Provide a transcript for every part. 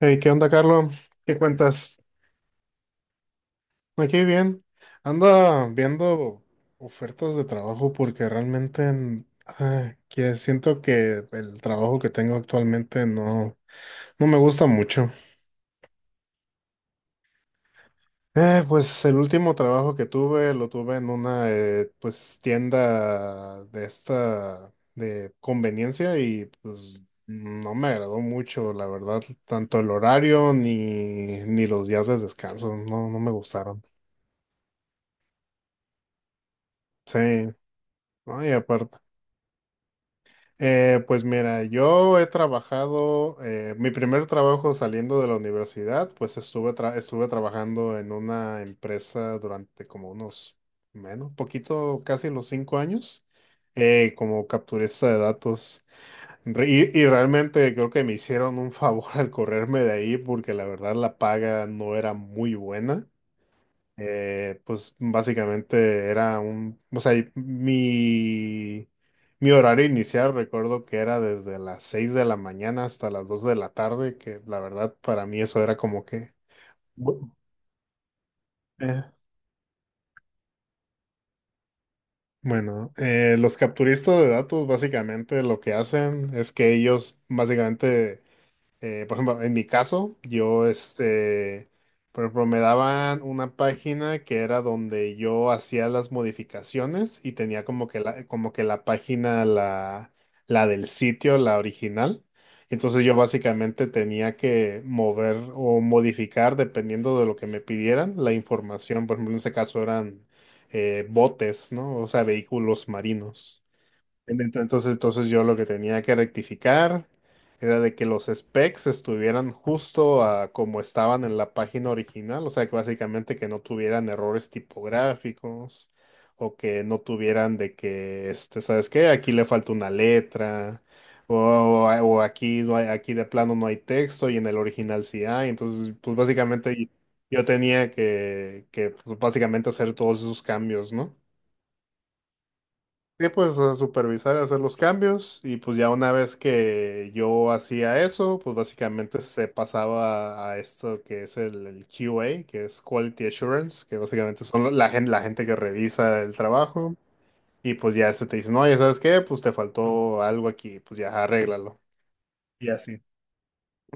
Hey, ¿qué onda, Carlos? ¿Qué cuentas? Aquí bien. Anda viendo ofertas de trabajo porque realmente que siento que el trabajo que tengo actualmente no me gusta mucho. Pues el último trabajo que tuve lo tuve en una pues tienda de esta de conveniencia y pues no me agradó mucho, la verdad, tanto el horario ni los días de descanso, no me gustaron. Sí. ¿No? Y aparte, pues mira, yo he trabajado, mi primer trabajo saliendo de la universidad, pues estuve trabajando en una empresa durante como unos, menos, poquito, casi los cinco años, como capturista de datos. Y realmente creo que me hicieron un favor al correrme de ahí porque la verdad la paga no era muy buena. Pues básicamente era mi horario inicial recuerdo que era desde las 6 de la mañana hasta las 2 de la tarde, que la verdad para mí eso era como que... Bu- Eh, Bueno, los capturistas de datos básicamente lo que hacen es que ellos básicamente... Por ejemplo, en mi caso, por ejemplo, me daban una página que era donde yo hacía las modificaciones y tenía como que como que la del sitio, la original. Entonces yo básicamente tenía que mover o modificar, dependiendo de lo que me pidieran, la información. Por ejemplo, en ese caso eran botes, ¿no? O sea, vehículos marinos. Entonces yo lo que tenía que rectificar era de que los specs estuvieran justo a como estaban en la página original, o sea, que básicamente que no tuvieran errores tipográficos o que no tuvieran de que, este, ¿sabes qué? Aquí le falta una letra o aquí no hay, aquí de plano no hay texto y en el original sí hay. Entonces, pues básicamente yo tenía que pues, básicamente hacer todos esos cambios, ¿no? Sí, pues a supervisar, hacer los cambios y pues ya una vez que yo hacía eso, pues básicamente se pasaba a esto que es el QA, que es Quality Assurance, que básicamente son la gente que revisa el trabajo y pues ya se te dice, no, ya sabes qué, pues te faltó algo aquí, pues ya arréglalo. Y así.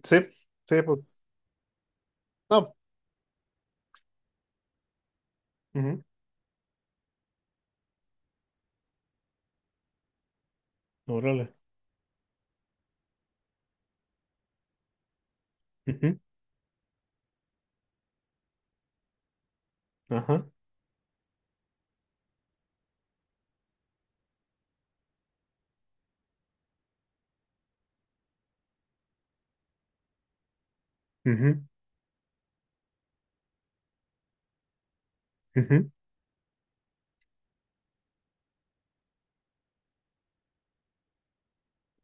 Sí, sí, pues no. Ujú. Órale. Ujú. Ajá. Ujú. Ujú.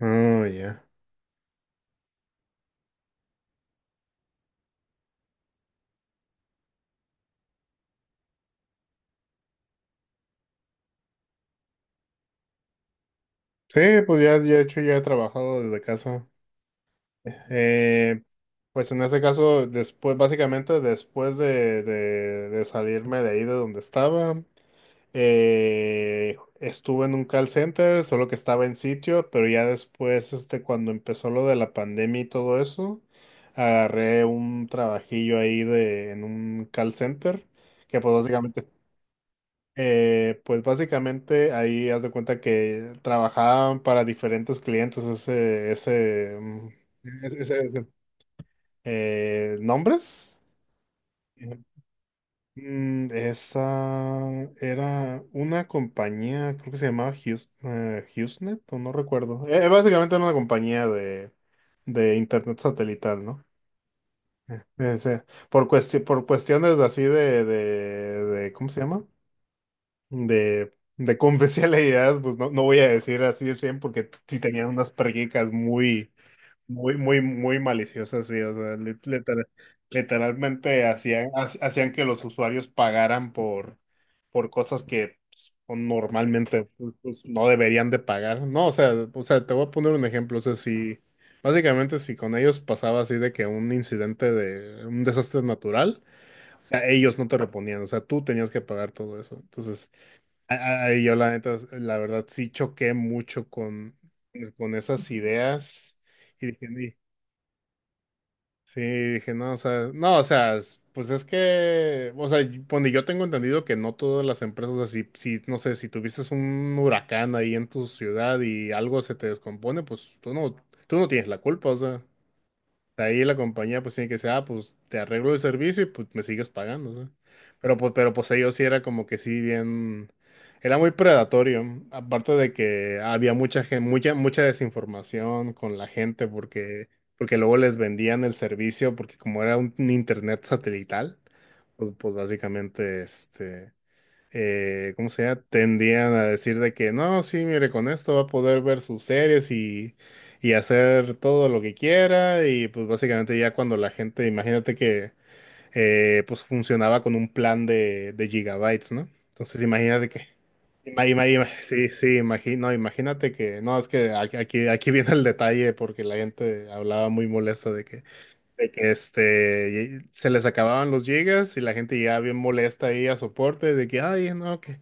Oh, ya. Sí, pues ya, ya, de hecho ya he trabajado desde casa. Eh, Pues en ese caso, después, básicamente después de salirme de ahí de donde estaba, estuve en un call center, solo que estaba en sitio, pero ya después, este, cuando empezó lo de la pandemia y todo eso, agarré un trabajillo ahí de, en un call center, que pues básicamente ahí haz de cuenta que trabajaban para diferentes clientes ese, ese, mm, ese- ese, nombres. Mm, esa era una compañía, creo que se llamaba Hughes, HughesNet, o no recuerdo. Básicamente era una compañía de internet satelital, ¿no? Eh, eh, se- por cuestiones así ¿cómo se llama? De confidencialidad, pues no, no voy a decir así de 100 porque sí tenían unas prácticas muy maliciosa, sí. O sea, literalmente hacían, hacían que los usuarios pagaran por cosas que pues, o normalmente pues, pues, no deberían de pagar. No, o sea, te voy a poner un ejemplo. O sea, si básicamente si con ellos pasaba así de que un incidente de un desastre natural, o sea, ellos no te reponían. O sea, tú tenías que pagar todo eso. Entonces, ahí yo la neta, la verdad sí choqué mucho con esas ideas. Y dije, sí, dije, no, o sea, no, o sea, pues es que, o sea, bueno, yo tengo entendido que no todas las empresas, o sea, no sé, si tuvieses un huracán ahí en tu ciudad y algo se te descompone, pues tú no tienes la culpa, o sea. De ahí la compañía pues tiene que decir, ah, pues te arreglo el servicio y pues me sigues pagando, o... pero pues ellos sí era como que sí bien, era muy predatorio, aparte de que había mucha, mucha desinformación con la gente porque, porque luego les vendían el servicio porque como era un internet satelital, pues, pues básicamente este ¿cómo se llama? Tendían a decir de que no, sí, mire, con esto va a poder ver sus series y hacer todo lo que quiera. Y pues básicamente ya cuando la gente, imagínate que pues funcionaba con un plan de gigabytes, ¿no? Entonces imagínate que... Sí, sí, imagino, imagínate que, no, es que aquí, aquí viene el detalle porque la gente hablaba muy molesta de que este se les acababan los gigas y la gente llegaba bien molesta ahí a soporte de que ay no que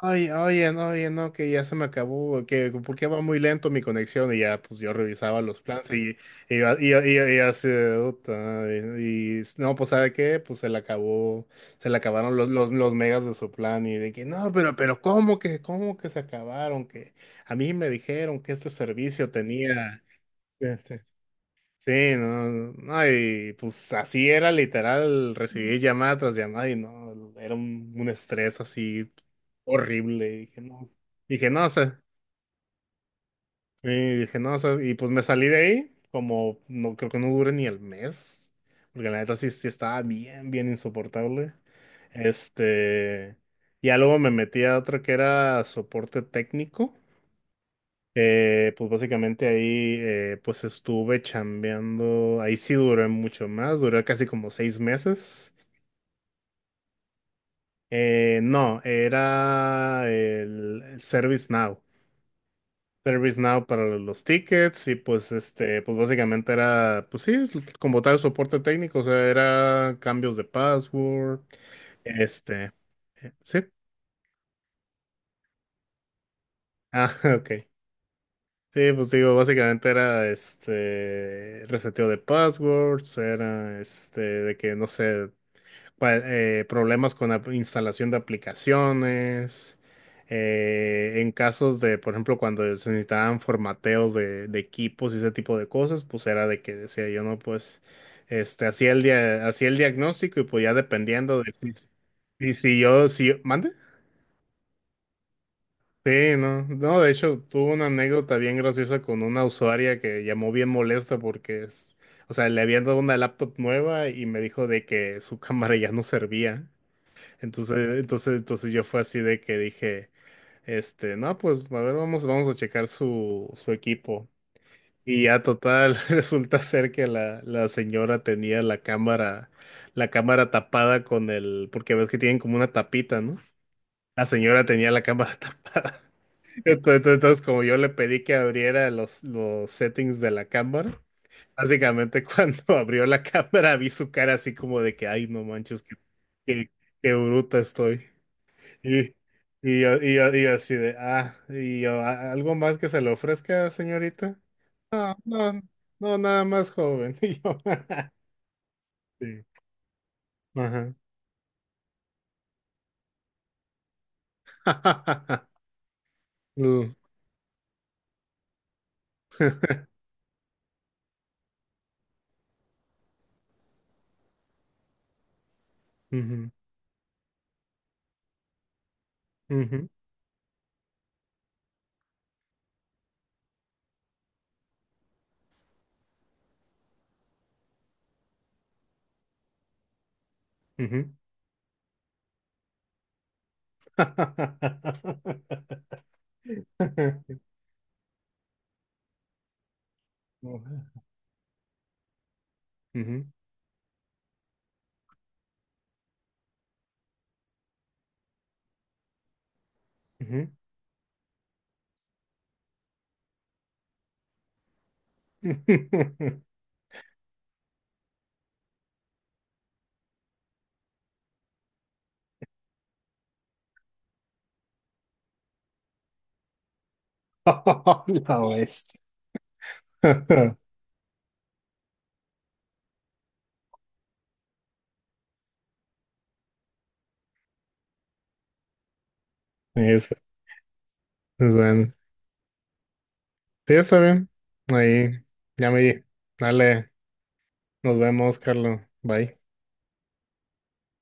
ay oye no que ya se me acabó que por qué va muy lento mi conexión y ya pues yo revisaba los planes y y así "Uta", no pues sabe qué pues se le acabó, se le acabaron los megas de su plan y de que no pero cómo que se acabaron que a mí me dijeron que este servicio tenía... Sí, no, no, y pues así era literal, recibí llamada tras llamada y no, era un estrés así horrible. Y dije, no, o sea, y dije, no, o sea, y pues me salí de ahí, como no creo que no dure ni el mes, porque la neta sí, sí estaba bien, bien insoportable. Este, ya luego me metí a otra que era soporte técnico. Pues básicamente ahí pues estuve chambeando, ahí sí duré mucho más, duré casi como seis meses. No, era el ServiceNow, ServiceNow para los tickets y pues este, pues básicamente era, pues sí, como tal soporte técnico, o sea, era cambios de password, este, sí, ah, ok. Sí, pues digo, básicamente era este reseteo de passwords, era este de que no sé, problemas con la instalación de aplicaciones, en casos de, por ejemplo, cuando se necesitaban formateos de equipos y ese tipo de cosas, pues era de que decía yo, no, pues, este, hacía el diagnóstico y pues ya dependiendo de si, y si yo, si, ¿mande? Sí, no, no, de hecho, tuve una anécdota bien graciosa con una usuaria que llamó bien molesta porque o sea, le habían dado una laptop nueva y me dijo de que su cámara ya no servía. Entonces yo fue así de que dije, este, no, pues, a ver, vamos, vamos a checar su equipo. Y ya total, resulta ser que la señora tenía la cámara tapada con el, porque ves que tienen como una tapita, ¿no? La señora tenía la cámara tapada. Entonces, como yo le pedí que abriera los settings de la cámara, básicamente cuando abrió la cámara vi su cara así como de que, ay, no manches, qué, qué bruta estoy. Y, y yo así de, ah, y yo, algo más que se le ofrezca, señorita? No, no, nada más joven". Y yo, sí, ajá. Mm, ujú, ujú, ujú. Ujú, ujú. Ujú. La bestia. Eso, es bueno. Sí, está bien. Ahí, ya me di. Dale, nos vemos, Carlos. Bye.